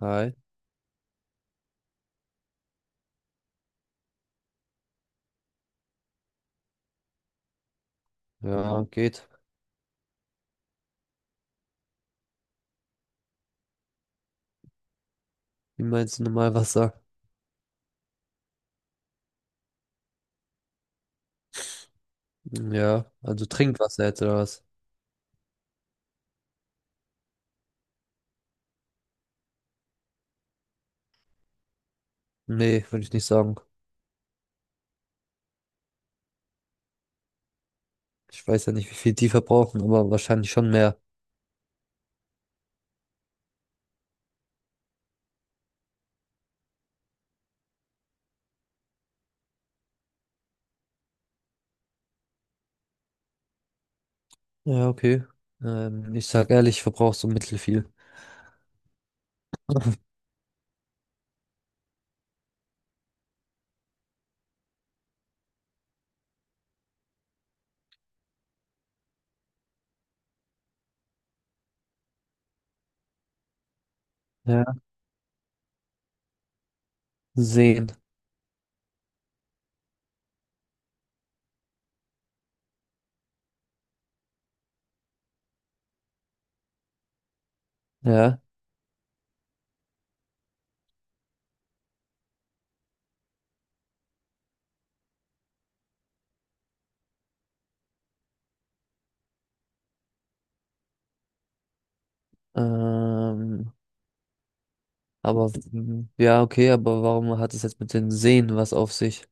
Hi. Ja, geht. Wie meinst du normal Wasser? Ja, also Trinkwasser jetzt oder was? Nee, würde ich nicht sagen. Ich weiß ja nicht, wie viel die verbrauchen, aber wahrscheinlich schon mehr. Ja, okay. Ich sag ehrlich, ich verbrauche so mittelfiel. Ja. Sehen. Ja. Ähm, aber ja, okay, aber warum hat es jetzt mit den Seen was auf sich?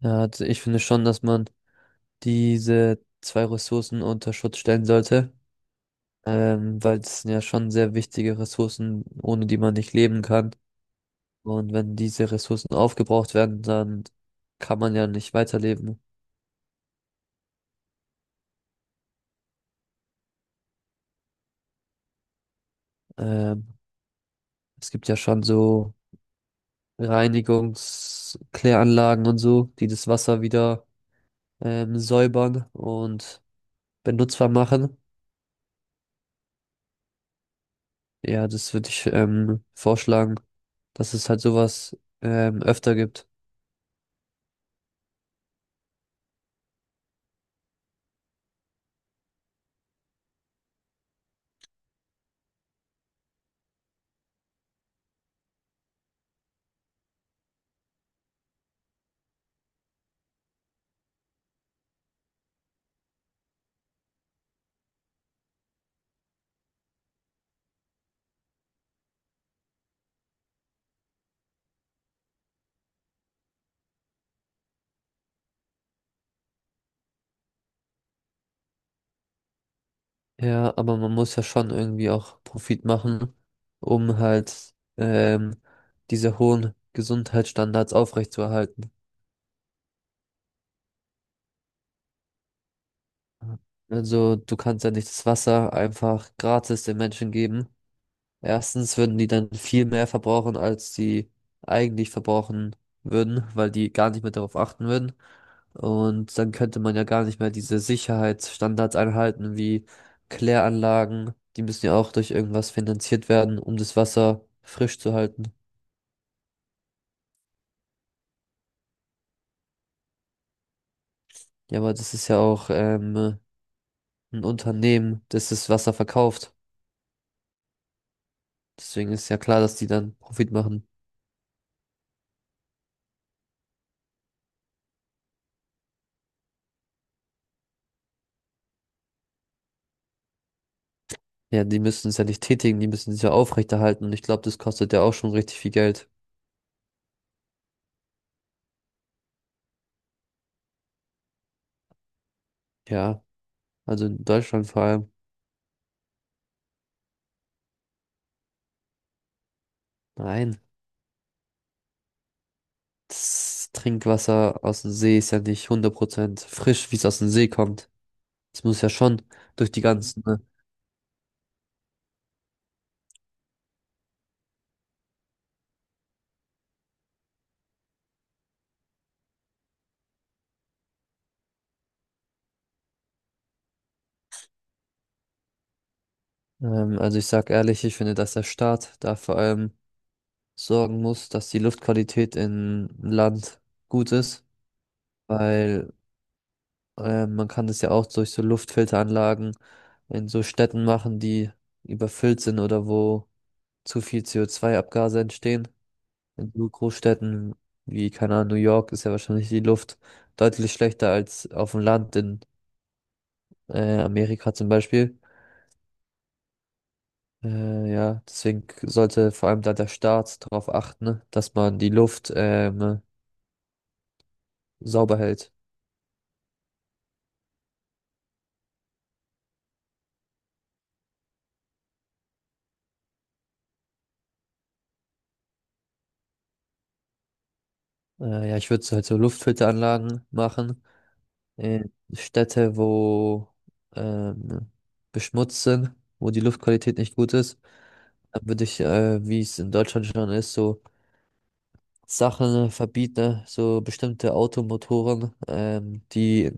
Ja, also ich finde schon, dass man diese zwei Ressourcen unter Schutz stellen sollte. Weil das sind ja schon sehr wichtige Ressourcen, ohne die man nicht leben kann. Und wenn diese Ressourcen aufgebraucht werden, dann kann man ja nicht weiterleben. Ähm, Es gibt ja schon so Reinigungskläranlagen und so, die das Wasser wieder säubern und benutzbar machen. Ja, das würde ich vorschlagen, dass es halt sowas öfter gibt. Ja, aber man muss ja schon irgendwie auch Profit machen, um halt diese hohen Gesundheitsstandards aufrechtzuerhalten. Also du kannst ja nicht das Wasser einfach gratis den Menschen geben. Erstens würden die dann viel mehr verbrauchen, als sie eigentlich verbrauchen würden, weil die gar nicht mehr darauf achten würden. Und dann könnte man ja gar nicht mehr diese Sicherheitsstandards einhalten, wie Kläranlagen. Die müssen ja auch durch irgendwas finanziert werden, um das Wasser frisch zu halten. Ja, aber das ist ja auch ein Unternehmen, das das Wasser verkauft. Deswegen ist ja klar, dass die dann Profit machen. Ja, die müssen es ja nicht tätigen, die müssen es ja aufrechterhalten. Und ich glaube, das kostet ja auch schon richtig viel Geld. Ja, also in Deutschland vor allem. Nein, das Trinkwasser aus dem See ist ja nicht 100% frisch, wie es aus dem See kommt. Das muss ja schon durch die ganzen, ne? Also ich sag ehrlich, ich finde, dass der Staat da vor allem sorgen muss, dass die Luftqualität im Land gut ist, weil man kann das ja auch durch so Luftfilteranlagen in so Städten machen, die überfüllt sind oder wo zu viel CO2-Abgase entstehen. In so Großstädten wie, keine Ahnung, New York ist ja wahrscheinlich die Luft deutlich schlechter als auf dem Land in Amerika zum Beispiel. Ja, deswegen sollte vor allem da der Staat darauf achten, ne, dass man die Luft sauber hält. Ja, ich würde halt so Luftfilteranlagen machen in Städte, wo ähm, beschmutzt sind, wo die Luftqualität nicht gut ist. Dann würde ich, wie es in Deutschland schon ist, so Sachen verbieten, ne, so bestimmte Automotoren, die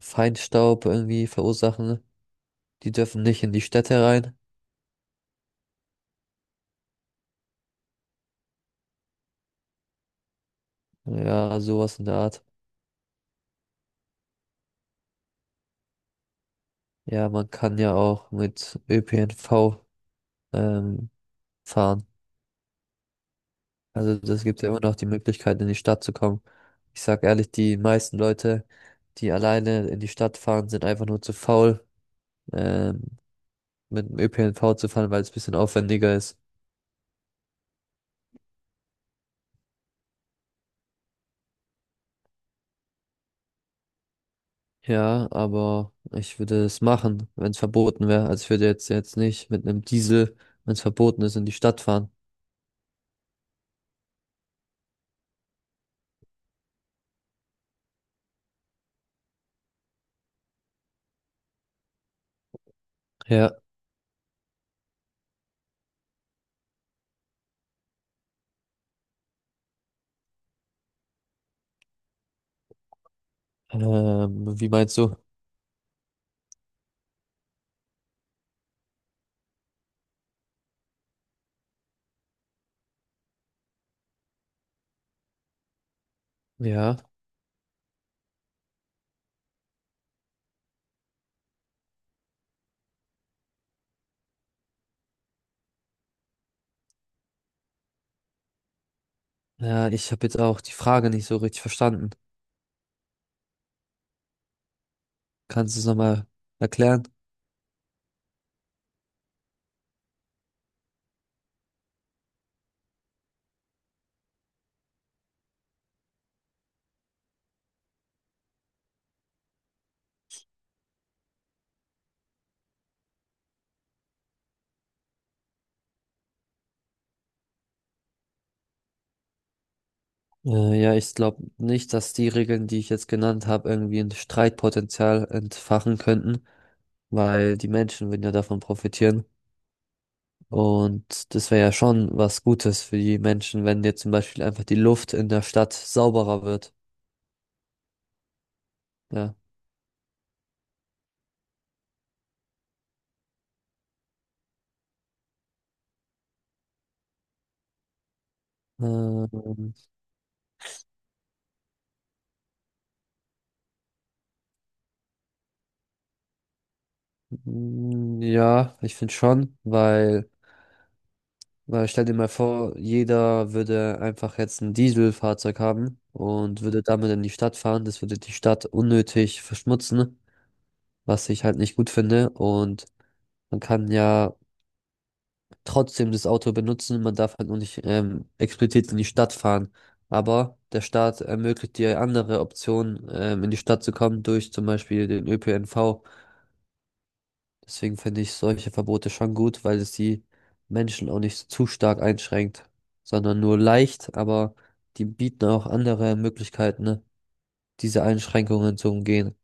Feinstaub irgendwie verursachen, die dürfen nicht in die Städte rein. Ja, sowas in der Art. Ja, man kann ja auch mit ÖPNV ähm, fahren. Also das gibt ja immer noch die Möglichkeit, in die Stadt zu kommen. Ich sag ehrlich, die meisten Leute, die alleine in die Stadt fahren, sind einfach nur zu faul, ähm, mit dem ÖPNV zu fahren, weil es ein bisschen aufwendiger ist. Ja, aber ich würde es machen, wenn es verboten wäre. Also ich würde jetzt nicht mit einem Diesel, wenn es verboten ist, in die Stadt fahren. Ja, wie meinst du? Ja, ja, ich habe jetzt auch die Frage nicht so richtig verstanden. Kannst du es nochmal erklären? Ja, ich glaube nicht, dass die Regeln, die ich jetzt genannt habe, irgendwie ein Streitpotenzial entfachen könnten, weil die Menschen würden ja davon profitieren. Und das wäre ja schon was Gutes für die Menschen, wenn jetzt zum Beispiel einfach die Luft in der Stadt sauberer wird. Ja. Ähm, ja, ich finde schon, Weil stell dir mal vor, jeder würde einfach jetzt ein Dieselfahrzeug haben und würde damit in die Stadt fahren. Das würde die Stadt unnötig verschmutzen, was ich halt nicht gut finde. Und man kann ja trotzdem das Auto benutzen, man darf halt nur nicht explizit in die Stadt fahren. Aber der Staat ermöglicht dir andere Optionen, in die Stadt zu kommen, durch zum Beispiel den ÖPNV. Deswegen finde ich solche Verbote schon gut, weil es die Menschen auch nicht zu stark einschränkt, sondern nur leicht, aber die bieten auch andere Möglichkeiten, ne, diese Einschränkungen zu umgehen.